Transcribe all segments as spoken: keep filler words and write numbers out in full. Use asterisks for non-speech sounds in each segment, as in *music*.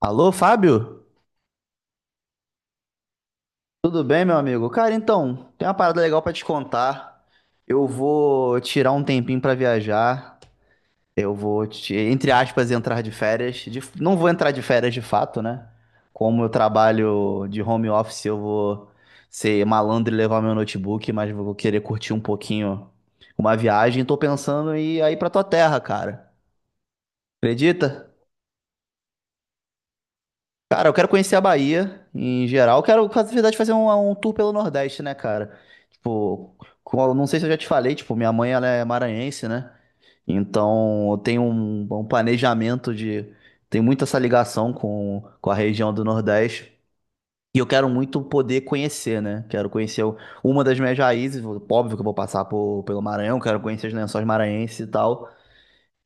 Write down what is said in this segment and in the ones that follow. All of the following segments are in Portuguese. Alô, Fábio? Tudo bem, meu amigo? Cara, então, tem uma parada legal pra te contar. Eu vou tirar um tempinho pra viajar. Eu vou, te- entre aspas, entrar de férias. De- não vou entrar de férias de fato, né? Como eu trabalho de home office, eu vou ser malandro e levar meu notebook, mas vou querer curtir um pouquinho uma viagem. Tô pensando em ir aí pra tua terra, cara. Acredita? Cara, eu quero conhecer a Bahia em geral. Eu quero, na verdade, fazer um, um tour pelo Nordeste, né, cara? Tipo, com- não sei se eu já te falei, tipo, minha mãe ela é maranhense, né? Então eu tenho um, um planejamento de. Tem muito essa ligação com, com a região do Nordeste. E eu quero muito poder conhecer, né? Quero conhecer o- uma das minhas raízes. Óbvio que eu vou passar por, pelo Maranhão, quero conhecer os lençóis maranhenses e tal.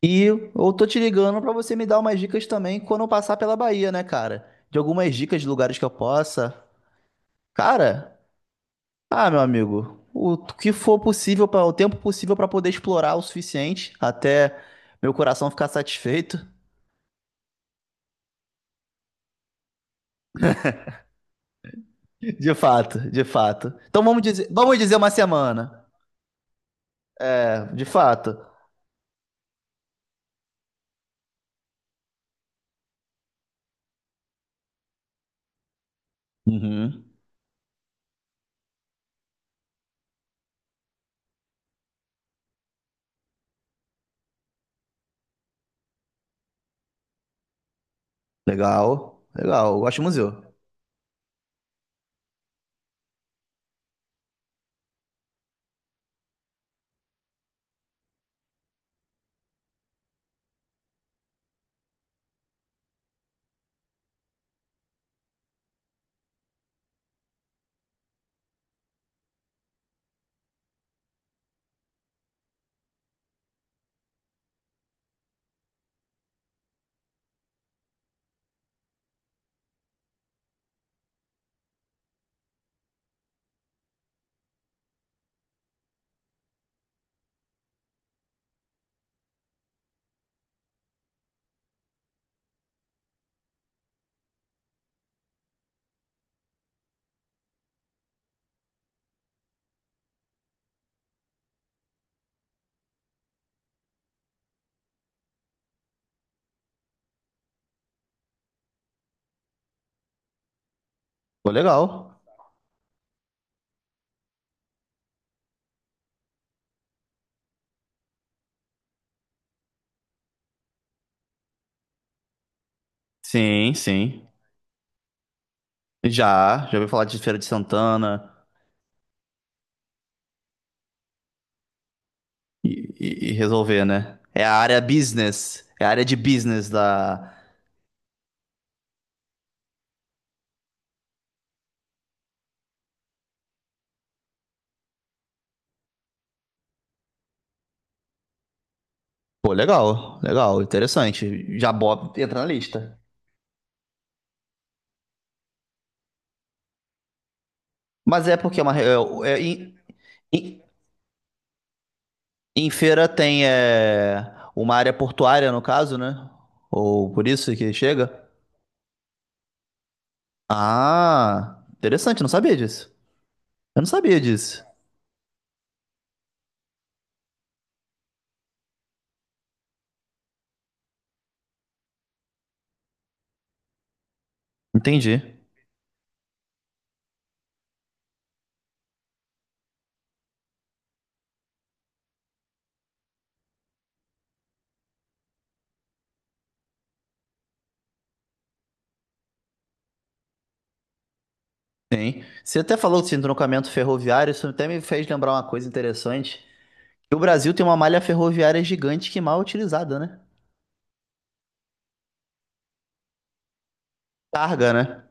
E eu tô te ligando pra você me dar umas dicas também quando eu passar pela Bahia, né, cara? De algumas dicas de lugares que eu possa. Cara, ah, meu amigo, o que for possível, pra, o tempo possível pra poder explorar o suficiente até meu coração ficar satisfeito. *laughs* De fato, de fato. Então vamos dizer, vamos dizer uma semana. É, de fato. Uhum. Legal, legal. Eu gosto de museu. Pô, legal. Sim, sim. Já, já ouvi falar de Feira de Santana. E, e- e resolver, né? É a área business. É a área de business da. Pô, legal, legal, interessante. Já bota, entra na lista. Mas é porque é uma. re- é- é- em, em- em feira tem é, uma área portuária, no caso, né? Ou por isso que chega. Ah, interessante, não sabia disso. Eu não sabia disso. Entendi. Sim. Você até falou de entroncamento ferroviário, isso até me fez lembrar uma coisa interessante. Que o Brasil tem uma malha ferroviária gigante que mal é utilizada, né? Targa, né?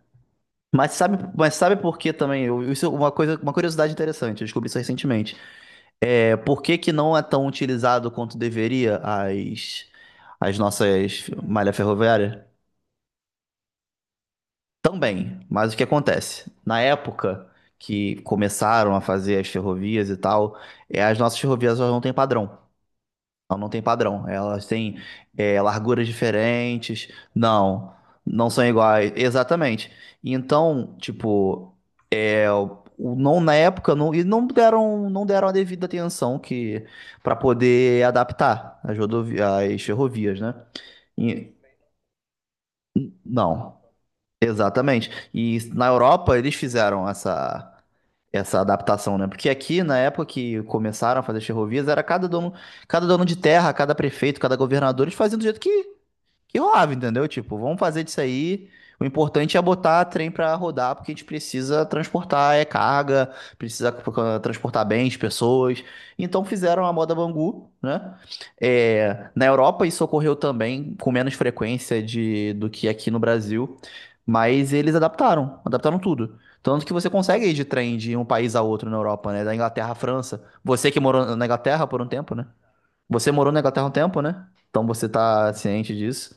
Mas sabe, mas sabe por que também? Eu- Isso é uma coisa, uma curiosidade interessante, eu descobri isso recentemente. É, por que que não é tão utilizado quanto deveria as, as nossas malha ferroviária? Também, mas o que acontece? Na época que começaram a fazer as ferrovias e tal, é, as nossas ferrovias elas não têm padrão. Elas não têm padrão. Elas têm é, larguras diferentes. Não, não são iguais. Exatamente. Então, tipo. É, o- o- não na época não, e não deram não deram a devida atenção que para poder adaptar as rodovi- as ferrovias, né? E- não, exatamente. E na Europa eles fizeram essa essa adaptação, né? Porque aqui na época que começaram a fazer as ferrovias era cada dono cada dono de terra, cada prefeito, cada governador eles faziam do jeito que que rolava, entendeu? Tipo, vamos fazer disso aí. O importante é botar trem pra rodar, porque a gente precisa transportar é carga, precisa eh, transportar bens, pessoas. Então fizeram a moda Bangu, né? É, na Europa isso ocorreu também com menos frequência de, do que aqui no Brasil, mas eles adaptaram, adaptaram tudo. Tanto que você consegue ir de trem de um país a outro na Europa, né? Da Inglaterra à França. Você que morou na Inglaterra por um tempo, né? Você morou na Inglaterra um tempo, né? Então você tá ciente disso.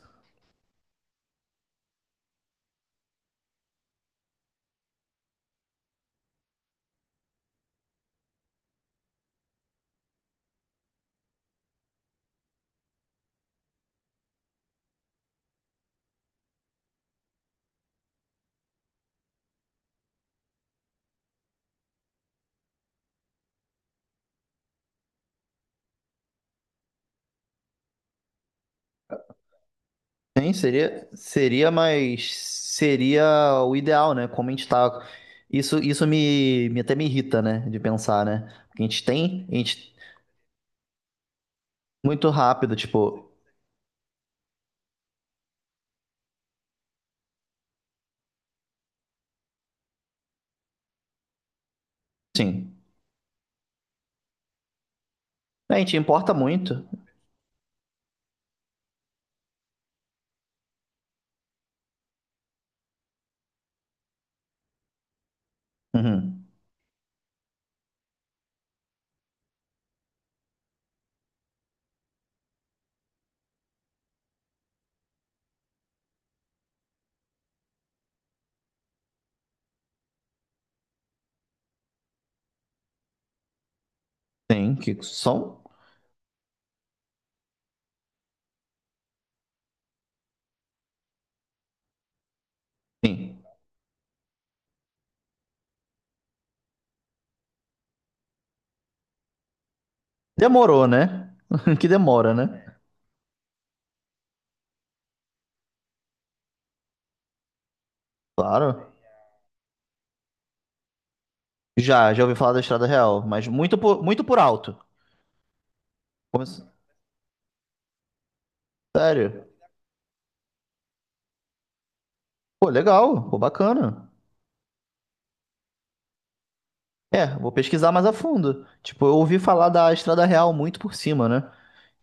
Sim, seria, seria, mas seria o ideal, né? Como a gente tá. Isso, isso me, me até me irrita, né? De pensar, né? Porque a gente tem, a gente muito rápido, tipo, sim. A gente importa muito. Uhum. Sim, que são. Sim. Demorou, né? *laughs* Que demora, né? Claro. Já, já ouvi falar da Estrada Real, mas muito por, muito por alto. Como assim? Sério? Pô, legal, pô, bacana. É, vou pesquisar mais a fundo. Tipo, eu ouvi falar da Estrada Real muito por cima, né?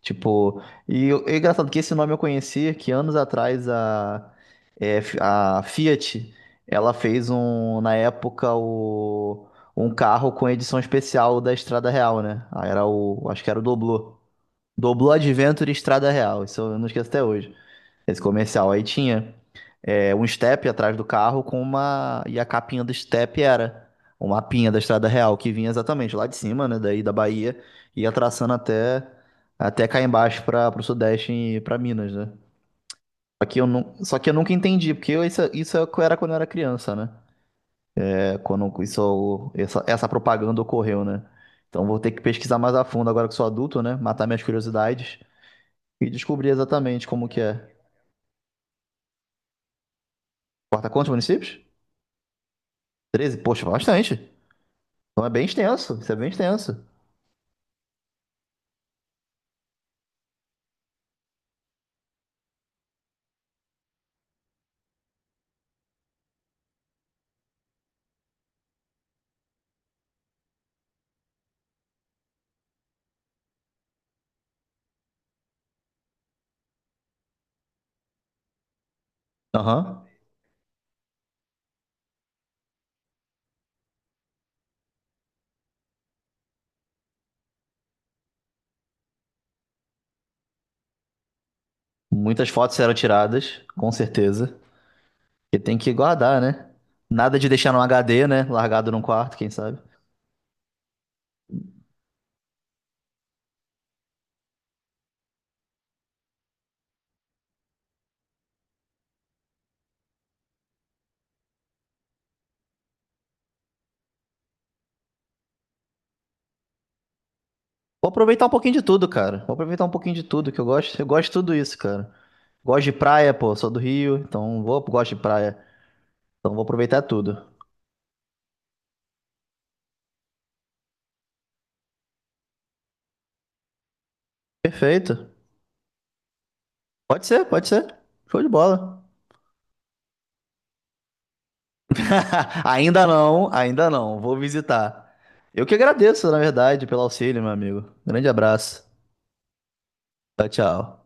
Tipo, e eu- é engraçado que esse nome eu conhecia que anos atrás a, é, a Fiat, ela fez um, na época, o, um carro com edição especial da Estrada Real, né? Ah, Era o, acho que era o Doblô. Doblô Adventure Estrada Real, isso eu não esqueço até hoje. Esse comercial aí tinha é, um step atrás do carro com uma. E a capinha do step era o mapinha da Estrada Real, que vinha exatamente lá de cima, né? Daí da Bahia, ia traçando até, até cá embaixo para o Sudeste e para Minas, né? Só que, eu não, só que eu nunca entendi, porque eu- isso, isso é o que eu era quando eu era criança, né? É, quando isso, essa, essa propaganda ocorreu, né? Então vou ter que pesquisar mais a fundo agora que sou adulto, né? Matar minhas curiosidades e descobrir exatamente como que é. Corta quantos municípios? Treze. Poxa, bastante. Então é bem extenso, isso é bem extenso. Aham. Muitas fotos serão tiradas, com certeza. E tem que guardar, né? Nada de deixar no H D, né? Largado num quarto, quem sabe. Vou aproveitar um pouquinho de tudo, cara. Vou aproveitar um pouquinho de tudo que eu gosto. Eu gosto de tudo isso, cara. Gosto de praia, pô, sou do Rio, então vou, gosto de praia. Então vou aproveitar tudo. Perfeito. Pode ser, pode ser. Show de bola. *laughs* Ainda não, ainda não. Vou visitar. Eu que agradeço, na verdade, pelo auxílio, meu amigo. Grande abraço. Tchau, tchau.